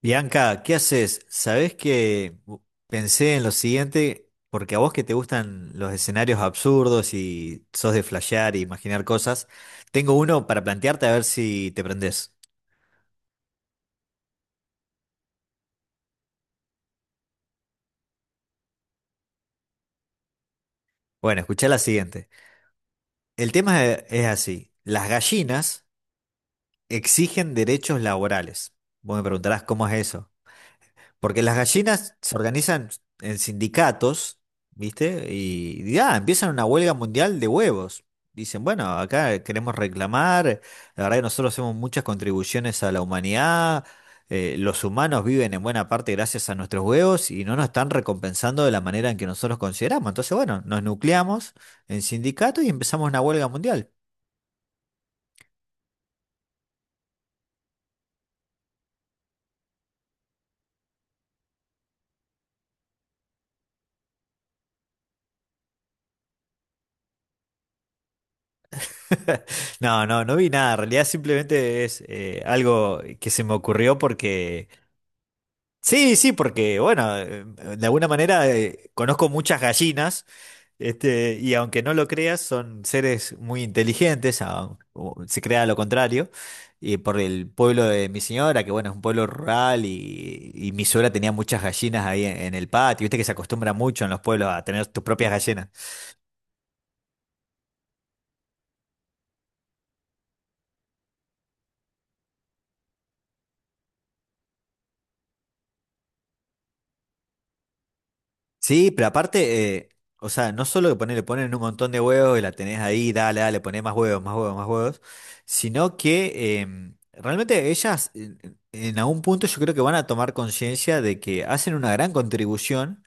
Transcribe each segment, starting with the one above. Bianca, ¿qué haces? Sabés que pensé en lo siguiente, porque a vos que te gustan los escenarios absurdos y sos de flashear e imaginar cosas, tengo uno para plantearte a ver si te prendés. Bueno, escuchá la siguiente. El tema es así. Las gallinas exigen derechos laborales. Vos me preguntarás cómo es eso. Porque las gallinas se organizan en sindicatos, ¿viste? Y ya, empiezan una huelga mundial de huevos. Dicen, bueno, acá queremos reclamar, la verdad que nosotros hacemos muchas contribuciones a la humanidad, los humanos viven en buena parte gracias a nuestros huevos y no nos están recompensando de la manera en que nosotros consideramos. Entonces, bueno, nos nucleamos en sindicatos y empezamos una huelga mundial. No, no, no vi nada, en realidad simplemente es algo que se me ocurrió porque... Sí, sí, porque bueno, de alguna manera conozco muchas gallinas, este, y aunque no lo creas, son seres muy inteligentes, o se crea lo contrario, y por el pueblo de mi señora, que bueno, es un pueblo rural, y mi suegra tenía muchas gallinas ahí en el patio, viste que se acostumbra mucho en los pueblos a tener tus propias gallinas. Sí, pero aparte, o sea, no solo que poner, le ponen un montón de huevos y la tenés ahí, dale, dale, poné más huevos, más huevos, más huevos, sino que realmente ellas en algún punto yo creo que van a tomar conciencia de que hacen una gran contribución.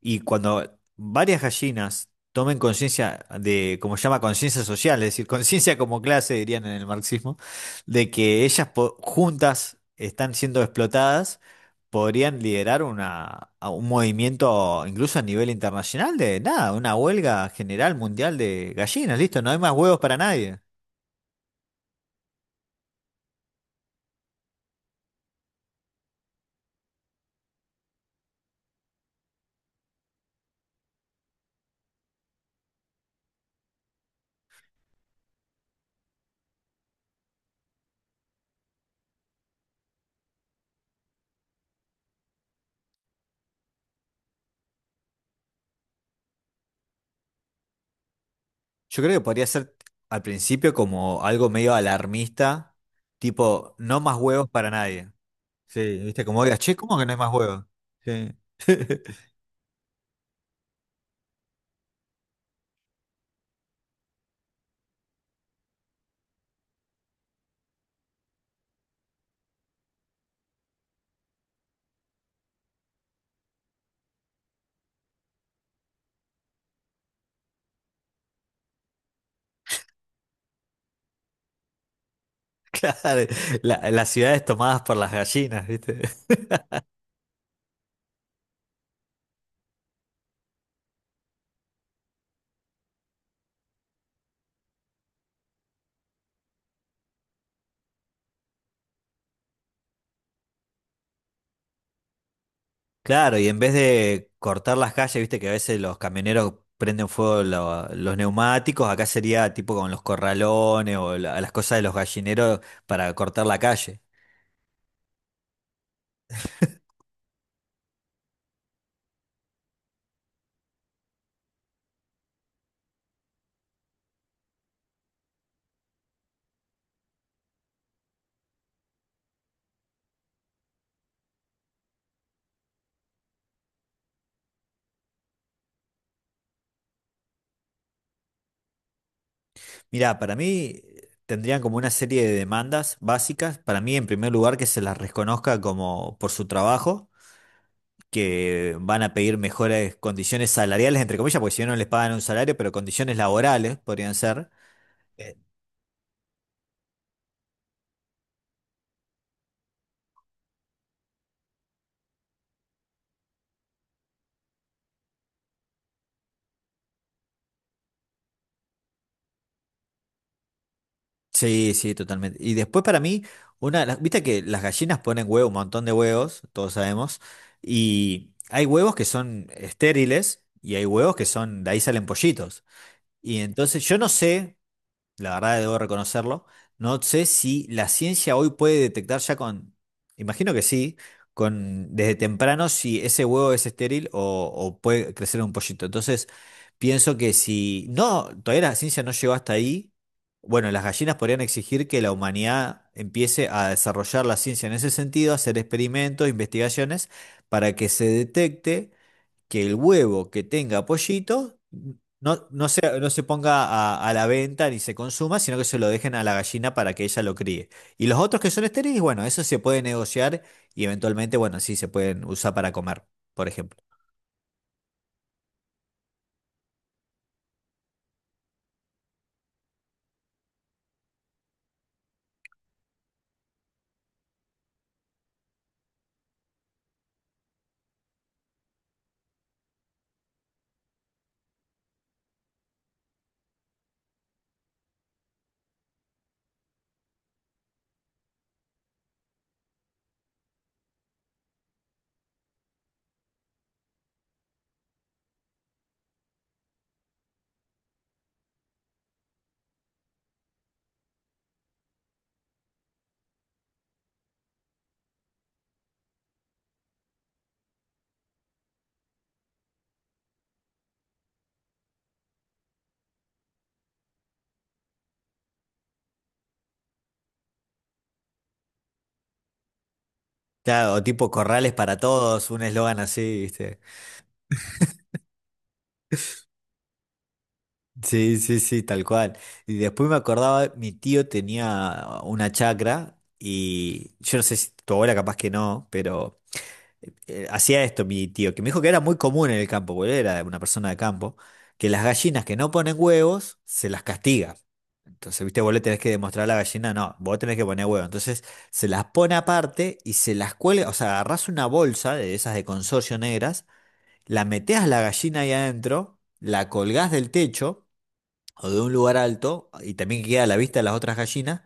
Y cuando varias gallinas tomen conciencia de, como se llama, conciencia social, es decir, conciencia como clase, dirían en el marxismo, de que ellas juntas están siendo explotadas, podrían liderar una, a un movimiento incluso a nivel internacional de nada, una huelga general mundial de gallinas, listo, no hay más huevos para nadie. Yo creo que podría ser al principio como algo medio alarmista, tipo, no más huevos para nadie. Sí, viste, como digas, che, ¿cómo que no hay más huevos? Sí. Claro, las ciudades tomadas por las gallinas, ¿viste? Claro, y en vez de cortar las calles, viste que a veces los camioneros prenden fuego los neumáticos, acá sería tipo con los corralones o las cosas de los gallineros para cortar la calle. Mirá, para mí tendrían como una serie de demandas básicas. Para mí, en primer lugar, que se las reconozca como por su trabajo. Que van a pedir mejores condiciones salariales, entre comillas, porque si no no les pagan un salario, pero condiciones laborales podrían ser. Eh, Sí, sí, totalmente. Y después para mí, una, viste que las gallinas ponen huevo, un montón de huevos, todos sabemos, y hay huevos que son estériles y hay huevos que son, de ahí salen pollitos. Y entonces yo no sé, la verdad debo reconocerlo. No sé si la ciencia hoy puede detectar ya con, imagino que sí, con desde temprano si ese huevo es estéril o puede crecer un pollito. Entonces, pienso que si no, todavía la ciencia no llegó hasta ahí, bueno, las gallinas podrían exigir que la humanidad empiece a desarrollar la ciencia en ese sentido, hacer experimentos, investigaciones, para que se detecte que el huevo que tenga pollito no, no se ponga a la venta ni se consuma, sino que se lo dejen a la gallina para que ella lo críe. Y los otros que son estériles, bueno, eso se puede negociar y eventualmente, bueno, sí, se pueden usar para comer, por ejemplo. Claro, o tipo corrales para todos, un eslogan así, ¿viste? Sí, sí, sí, tal cual. Y después me acordaba, mi tío tenía una chacra y yo no sé si tu abuela capaz que no, pero... hacía esto mi tío, que me dijo que era muy común en el campo, porque él era una persona de campo, que las gallinas que no ponen huevos se las castiga. Entonces, viste, vos le tenés que demostrar a la gallina, no, vos tenés que poner huevo. Entonces, se las pone aparte y se las cuelga, o sea, agarrás una bolsa de esas de consorcio negras, la metés a la gallina ahí adentro, la colgás del techo o de un lugar alto y también que queda a la vista de las otras gallinas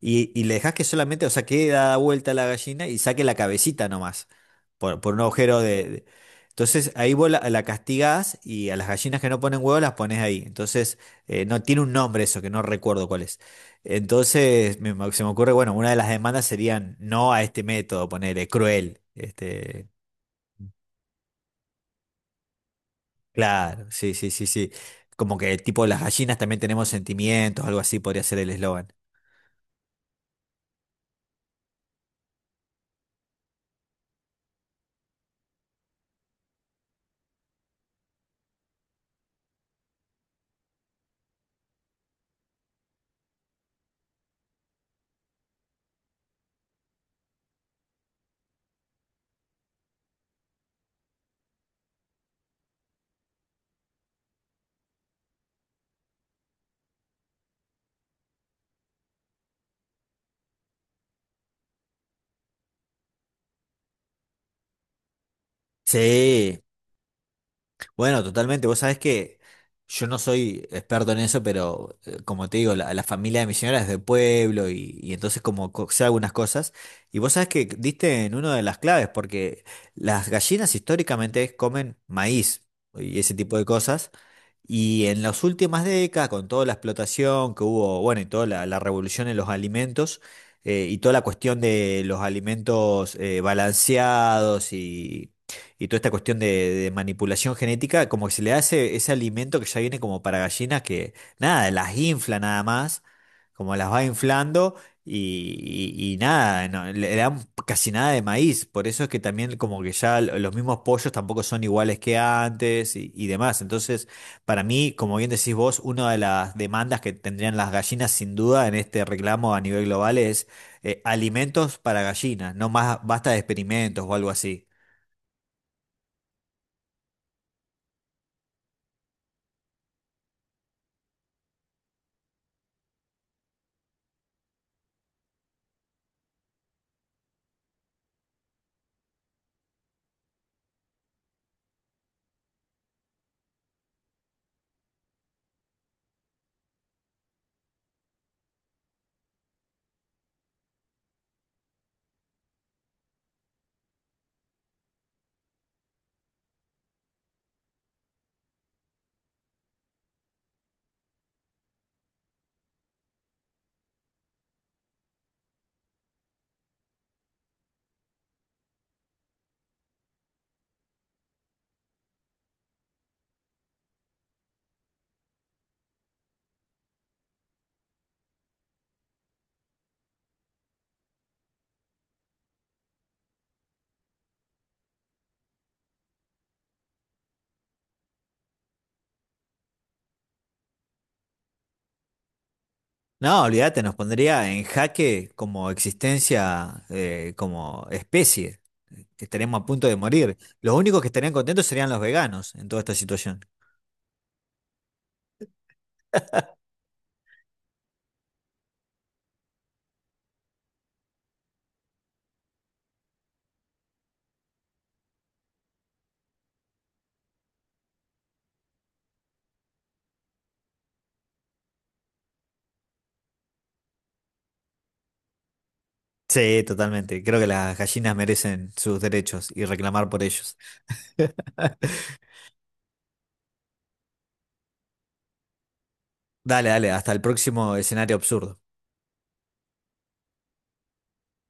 y le dejas que solamente, o sea, quede dada vuelta la gallina y saque la cabecita nomás por un agujero de... Entonces ahí vos la castigás y a las gallinas que no ponen huevos las pones ahí. Entonces no tiene un nombre eso, que no recuerdo cuál es. Entonces se me ocurre, bueno, una de las demandas serían no a este método, ponerle cruel. Este, claro, sí, sí, sí, sí. Como que tipo las gallinas también tenemos sentimientos, algo así podría ser el eslogan. Sí, bueno, totalmente. Vos sabés que yo no soy experto en eso, pero como te digo, la familia de mi señora es de pueblo y entonces como sé algunas cosas. Y vos sabés que diste en una de las claves, porque las gallinas históricamente comen maíz y ese tipo de cosas. Y en las últimas décadas, con toda la explotación que hubo, bueno, y toda la revolución en los alimentos, y toda la cuestión de los alimentos balanceados y toda esta cuestión de manipulación genética, como que se le hace ese alimento que ya viene como para gallinas que nada, las infla nada más, como las va inflando y nada, no, le dan casi nada de maíz, por eso es que también como que ya los mismos pollos tampoco son iguales que antes y demás. Entonces, para mí, como bien decís vos, una de las demandas que tendrían las gallinas sin duda en este reclamo a nivel global es alimentos para gallinas, no más basta de experimentos o algo así. No, olvídate, nos pondría en jaque como existencia, como especie. Que estaríamos a punto de morir. Los únicos que estarían contentos serían los veganos en toda esta situación. Sí, totalmente. Creo que las gallinas merecen sus derechos y reclamar por ellos. Dale, dale, hasta el próximo escenario absurdo.